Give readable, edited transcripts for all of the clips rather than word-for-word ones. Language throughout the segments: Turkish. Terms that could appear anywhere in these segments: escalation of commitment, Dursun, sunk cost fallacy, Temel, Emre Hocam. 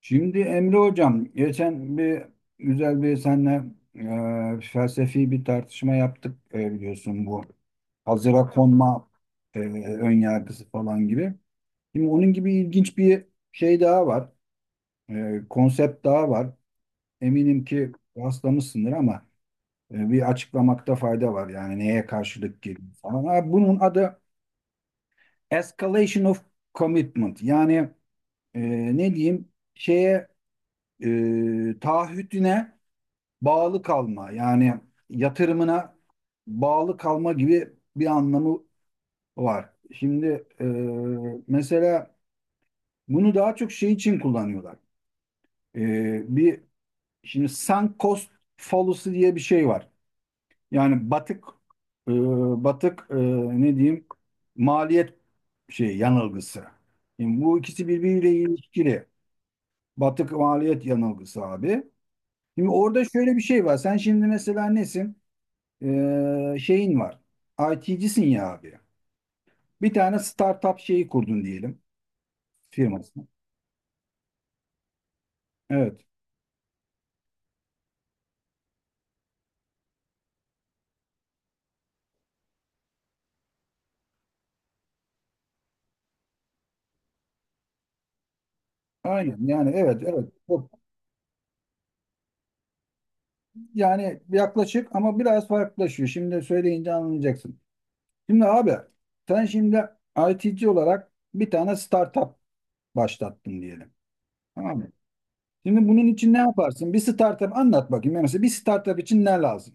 Şimdi Emre Hocam, geçen bir güzel bir senle felsefi bir tartışma yaptık, biliyorsun bu hazıra konma e, ön yargısı falan gibi. Şimdi onun gibi ilginç bir şey daha var, konsept daha var. Eminim ki rastlamışsındır ama bir açıklamakta fayda var, yani neye karşılık geliyor falan. Ha, bunun adı escalation of commitment, yani e, ne diyeyim şeye, taahhüdüne bağlı kalma, yani yatırımına bağlı kalma gibi bir anlamı var. Şimdi mesela bunu daha çok şey için kullanıyorlar. Bir şimdi sunk cost fallacy diye bir şey var. Yani e, batık ne diyeyim, maliyet şey yanılgısı. Şimdi bu ikisi birbiriyle ilişkili. Batık maliyet yanılgısı abi. Şimdi orada şöyle bir şey var. Sen şimdi mesela nesin? Şeyin var. IT'cisin ya abi. Bir tane startup şeyi kurdun diyelim, firmasını. Evet. Aynen yani, evet evet. Yani yaklaşık ama biraz farklılaşıyor. Şimdi söyleyince anlayacaksın. Şimdi abi, sen şimdi IT'ci olarak bir tane startup başlattın diyelim. Tamam mı? Şimdi bunun için ne yaparsın? Bir startup anlat bakayım. Yani mesela bir startup için ne lazım?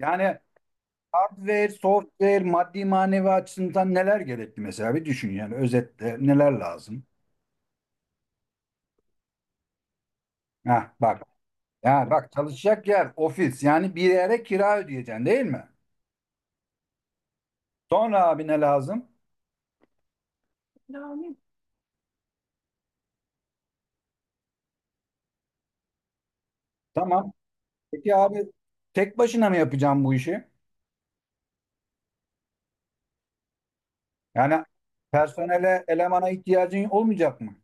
Yani hardware, software, maddi manevi açısından neler gerekli, mesela bir düşün, yani özetle neler lazım? Heh, bak, yani bak, çalışacak yer, ofis, yani bir yere kira ödeyeceksin, değil mi? Sonra abi ne lazım? Tamam. Peki abi, tek başına mı yapacağım bu işi? Yani personele, elemana ihtiyacın olmayacak mı?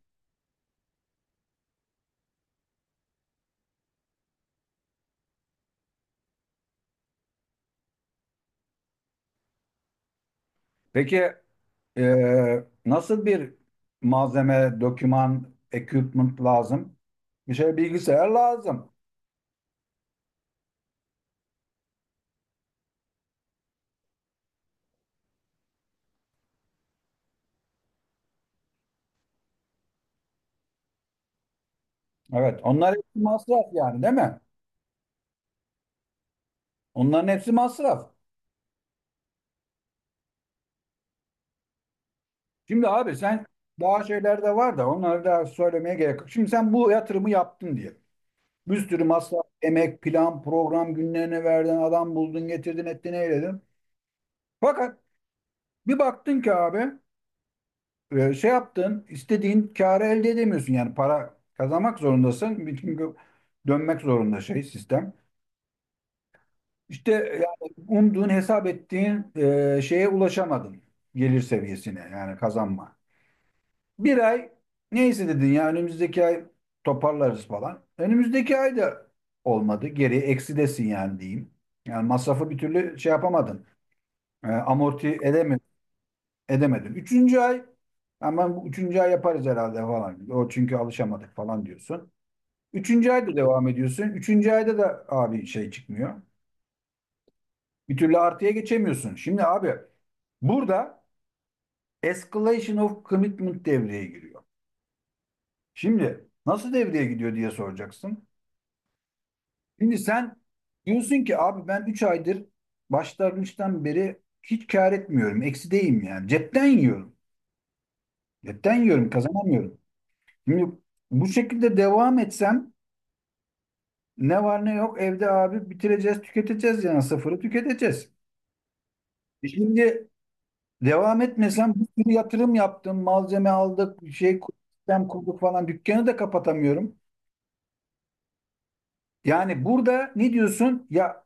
Peki nasıl bir malzeme, doküman, equipment lazım? Bir şey, bilgisayar lazım. Evet, onlar hepsi masraf yani, değil mi? Onların hepsi masraf. Şimdi abi, sen daha şeyler de var da onları da söylemeye gerek yok. Şimdi sen bu yatırımı yaptın diye. Bir sürü masraf, emek, plan, program günlerine verdin, adam buldun, getirdin, ettin, eyledin. Fakat bir baktın ki abi, şey yaptın, istediğin karı elde edemiyorsun. Yani para kazanmak zorundasın. Çünkü dönmek zorunda şey sistem. İşte yani umduğun, hesap ettiğin şeye ulaşamadın. Gelir seviyesine, yani kazanma. Bir ay neyse dedin ya, önümüzdeki ay toparlarız falan. Önümüzdeki ay da olmadı. Geri eksidesin yani diyeyim. Yani masrafı bir türlü şey yapamadın. E, amorti edeme, edemedin. Üçüncü ay, hemen bu üçüncü ay yaparız herhalde falan. O çünkü alışamadık falan diyorsun. Üçüncü ayda devam ediyorsun. Üçüncü ayda da abi şey çıkmıyor. Bir türlü artıya geçemiyorsun. Şimdi abi, burada escalation of commitment devreye giriyor. Şimdi nasıl devreye gidiyor diye soracaksın. Şimdi sen diyorsun ki, abi ben 3 aydır başlangıçtan beri hiç kar etmiyorum. Eksideyim yani. Cepten yiyorum. Cepten yiyorum. Kazanamıyorum. Şimdi bu şekilde devam etsem, ne var ne yok evde abi bitireceğiz, tüketeceğiz, yani sıfırı tüketeceğiz. Şimdi devam etmesem, bir sürü yatırım yaptım, malzeme aldık, şey sistem kurduk falan, dükkanı da kapatamıyorum. Yani burada ne diyorsun? Ya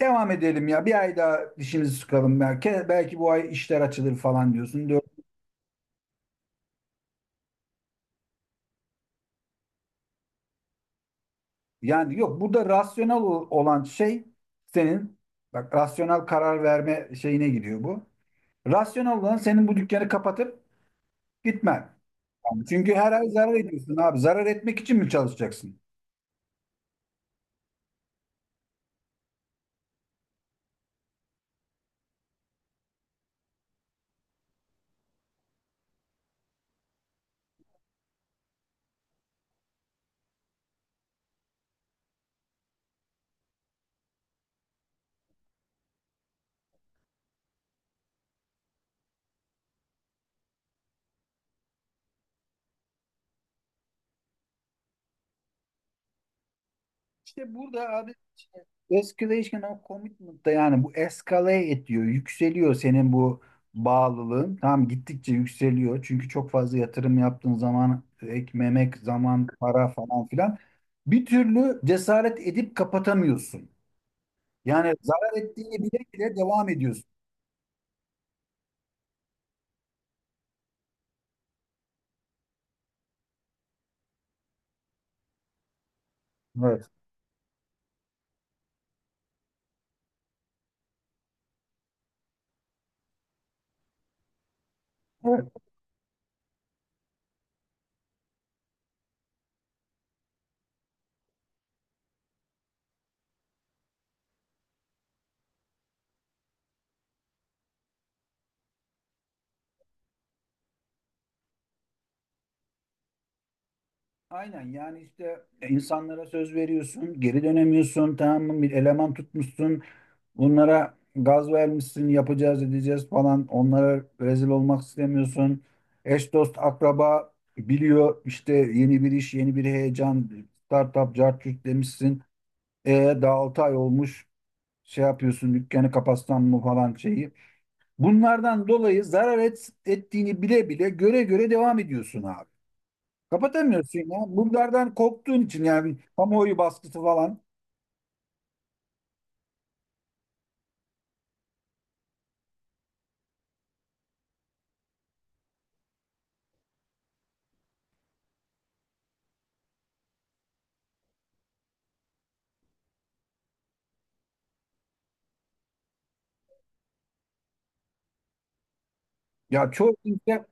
devam edelim, ya bir ay daha dişimizi sıkalım, belki belki bu ay işler açılır falan diyorsun. Yani yok, burada olan şey senin, bak rasyonel karar verme şeyine giriyor bu. Rasyonel olan senin bu dükkanı kapatıp gitmen. Yani çünkü her ay zarar ediyorsun abi. Zarar etmek için mi çalışacaksın? İşte burada escalation of commitment da yani bu escalate ediyor. Yükseliyor senin bu bağlılığın. Tamam, gittikçe yükseliyor. Çünkü çok fazla yatırım yaptığın zaman ek memek, zaman, para falan filan. Bir türlü cesaret edip kapatamıyorsun. Yani zarar ettiğini bile bile devam ediyorsun. Evet. Aynen yani, işte insanlara söz veriyorsun, geri dönemiyorsun, tamam mı? Bir eleman tutmuşsun, bunlara gaz vermişsin, yapacağız edeceğiz falan. Onlara rezil olmak istemiyorsun. Eş dost akraba biliyor, işte yeni bir iş, yeni bir heyecan, startup, cart curt demişsin. E Daha 6 ay olmuş, şey yapıyorsun, dükkanı kapatsam mı falan şeyi. Bunlardan dolayı ettiğini bile bile, göre göre devam ediyorsun abi. Kapatamıyorsun ya. Bunlardan korktuğun için, yani kamuoyu baskısı falan. Ya çoğu kimse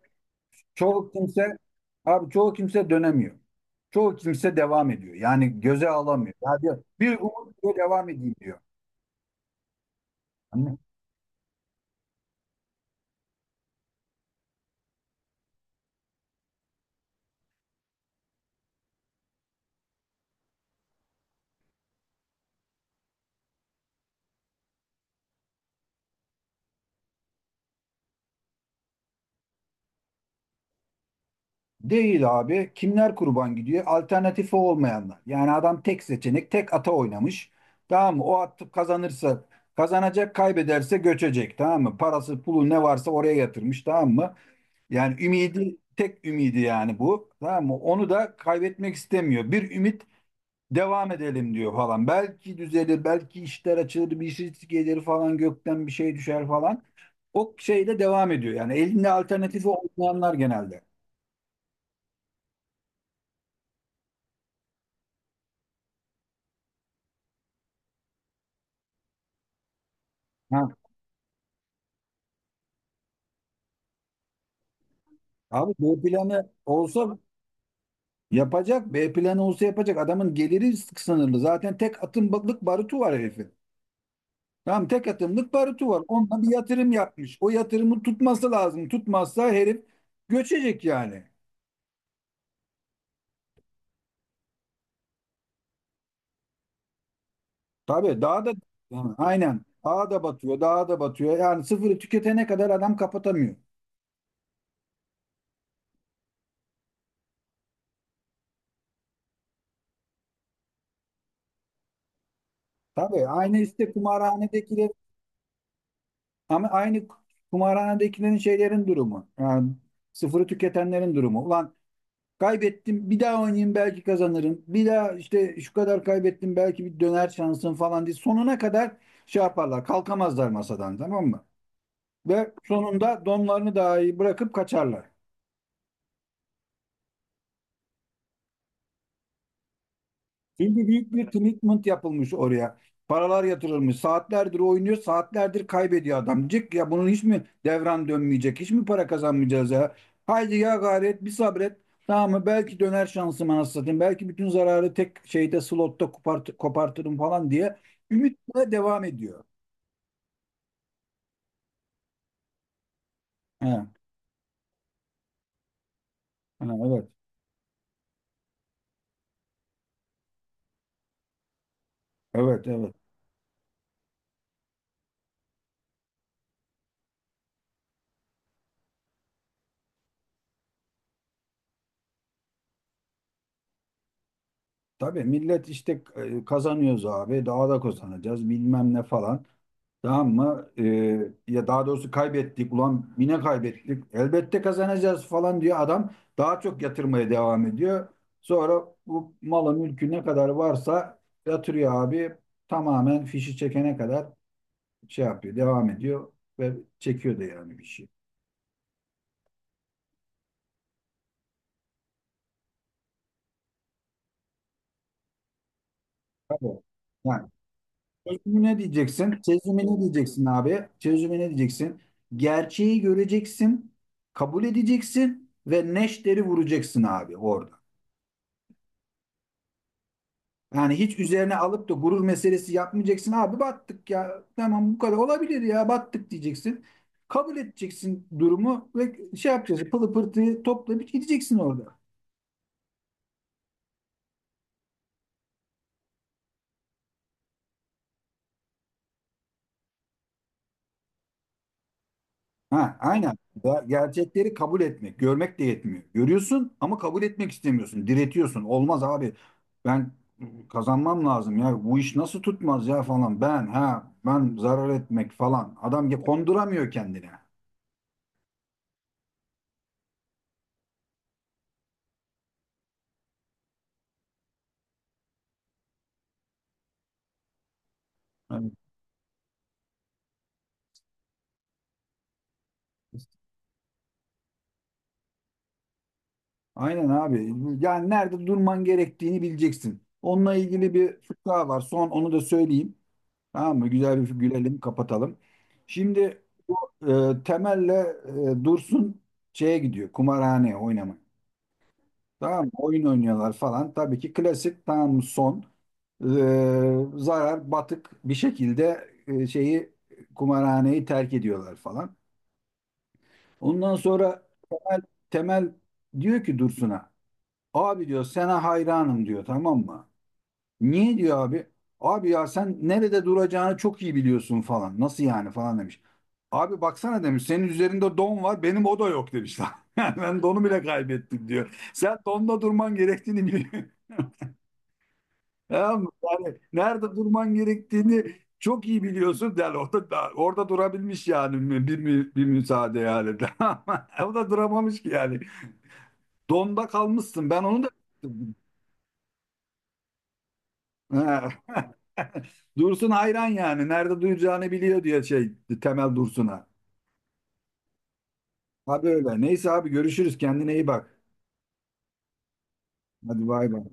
çoğu kimse abi çoğu kimse dönemiyor. Çoğu kimse devam ediyor. Yani göze alamıyor. Ya diyor, bir umut diyor, devam edeyim diyor. Hani değil abi. Kimler kurban gidiyor? Alternatifi olmayanlar. Yani adam tek seçenek, tek ata oynamış. Tamam mı? O at kazanırsa kazanacak, kaybederse göçecek. Tamam mı? Parası, pulu ne varsa oraya yatırmış. Tamam mı? Yani ümidi, tek ümidi yani bu. Tamam mı? Onu da kaybetmek istemiyor. Bir ümit devam edelim diyor falan. Belki düzelir, belki işler açılır, bir şey gelir falan, gökten bir şey düşer falan. O şeyle devam ediyor. Yani elinde alternatifi olmayanlar genelde. Ha, abi B planı olsa yapacak, B planı olsa yapacak. Adamın geliri sınırlı. Zaten tek atımlık barutu var herifin. Tamam, tek atımlık barutu var. Onunla bir yatırım yapmış. O yatırımı tutması lazım. Tutmazsa herif göçecek yani. Tabii daha da, yani aynen. Dağa da batıyor, dağa da batıyor. Yani sıfırı tüketene kadar adam kapatamıyor. Tabii, aynı işte kumarhanedekiler, ama aynı kumarhanedekilerin şeylerin durumu. Yani sıfırı tüketenlerin durumu. Ulan kaybettim, bir daha oynayayım, belki kazanırım. Bir daha işte şu kadar kaybettim, belki bir döner şansım falan diye sonuna kadar şey yaparlar. Kalkamazlar masadan, tamam mı? Ve sonunda donlarını dahi bırakıp kaçarlar. Çünkü büyük bir commitment yapılmış oraya. Paralar yatırılmış. Saatlerdir oynuyor, saatlerdir kaybediyor adam. Cık ya, bunun hiç mi devran dönmeyecek, hiç mi para kazanmayacağız ya? Haydi ya gayret, bir sabret. Tamam mı? Belki döner şansım anasını satayım. Belki bütün zararı tek şeyde, slotta kopart kopartırım falan diye ümitle devam ediyor. He, he, evet, evet, evet. Tabii millet işte, kazanıyoruz abi, daha da kazanacağız bilmem ne falan. Tamam mı? Ya daha doğrusu kaybettik. Ulan yine kaybettik. Elbette kazanacağız falan diyor adam. Daha çok yatırmaya devam ediyor. Sonra bu malı mülkü ne kadar varsa yatırıyor abi. Tamamen fişi çekene kadar şey yapıyor. Devam ediyor ve çekiyor da yani, bir şey. Tabii. Yani çözümü ne diyeceksin? Çözümü ne diyeceksin abi? Çözümü ne diyeceksin? Gerçeği göreceksin, kabul edeceksin ve neşteri vuracaksın abi orada. Yani hiç üzerine alıp da gurur meselesi yapmayacaksın. Abi battık ya. Tamam, bu kadar olabilir ya, battık diyeceksin. Kabul edeceksin durumu ve şey yapacaksın. Pılı pırtıyı toplayıp gideceksin orada. Ha, aynen. Ya, gerçekleri kabul etmek. Görmek de yetmiyor. Görüyorsun ama kabul etmek istemiyorsun. Diretiyorsun. Olmaz abi. Ben kazanmam lazım ya. Bu iş nasıl tutmaz ya falan. Ben ha ben zarar etmek falan. Adam ya konduramıyor kendine. Evet. Aynen abi. Yani nerede durman gerektiğini bileceksin. Onunla ilgili bir fıkra var. Son onu da söyleyeyim. Tamam mı? Güzel bir gülelim, kapatalım. Şimdi bu Temel'le Dursun şeye gidiyor. Kumarhaneye oynamaya. Tamam mı? Oyun oynuyorlar falan. Tabii ki klasik, tamam mı? Son zarar, batık bir şekilde şeyi, kumarhaneyi terk ediyorlar falan. Ondan sonra Temel, Temel diyor ki Dursun'a, abi diyor, sana hayranım diyor, tamam mı? Niye diyor abi? Abi ya, sen nerede duracağını çok iyi biliyorsun falan. Nasıl yani falan demiş. Abi baksana demiş, senin üzerinde don var, benim o da yok demiş lan. Yani ben donu bile kaybettim diyor. Sen donda durman gerektiğini biliyorsun. Tamam mı? Yani nerede durman gerektiğini çok iyi biliyorsun. Yani orada, orada durabilmiş yani, bir müsaade yani. O da duramamış ki yani. Donda kalmışsın, ben onu da. Ha. Dursun hayran yani. Nerede duyacağını biliyor diyor şey, Temel Dursun'a. Abi öyle. Neyse abi, görüşürüz. Kendine iyi bak. Hadi bay bay.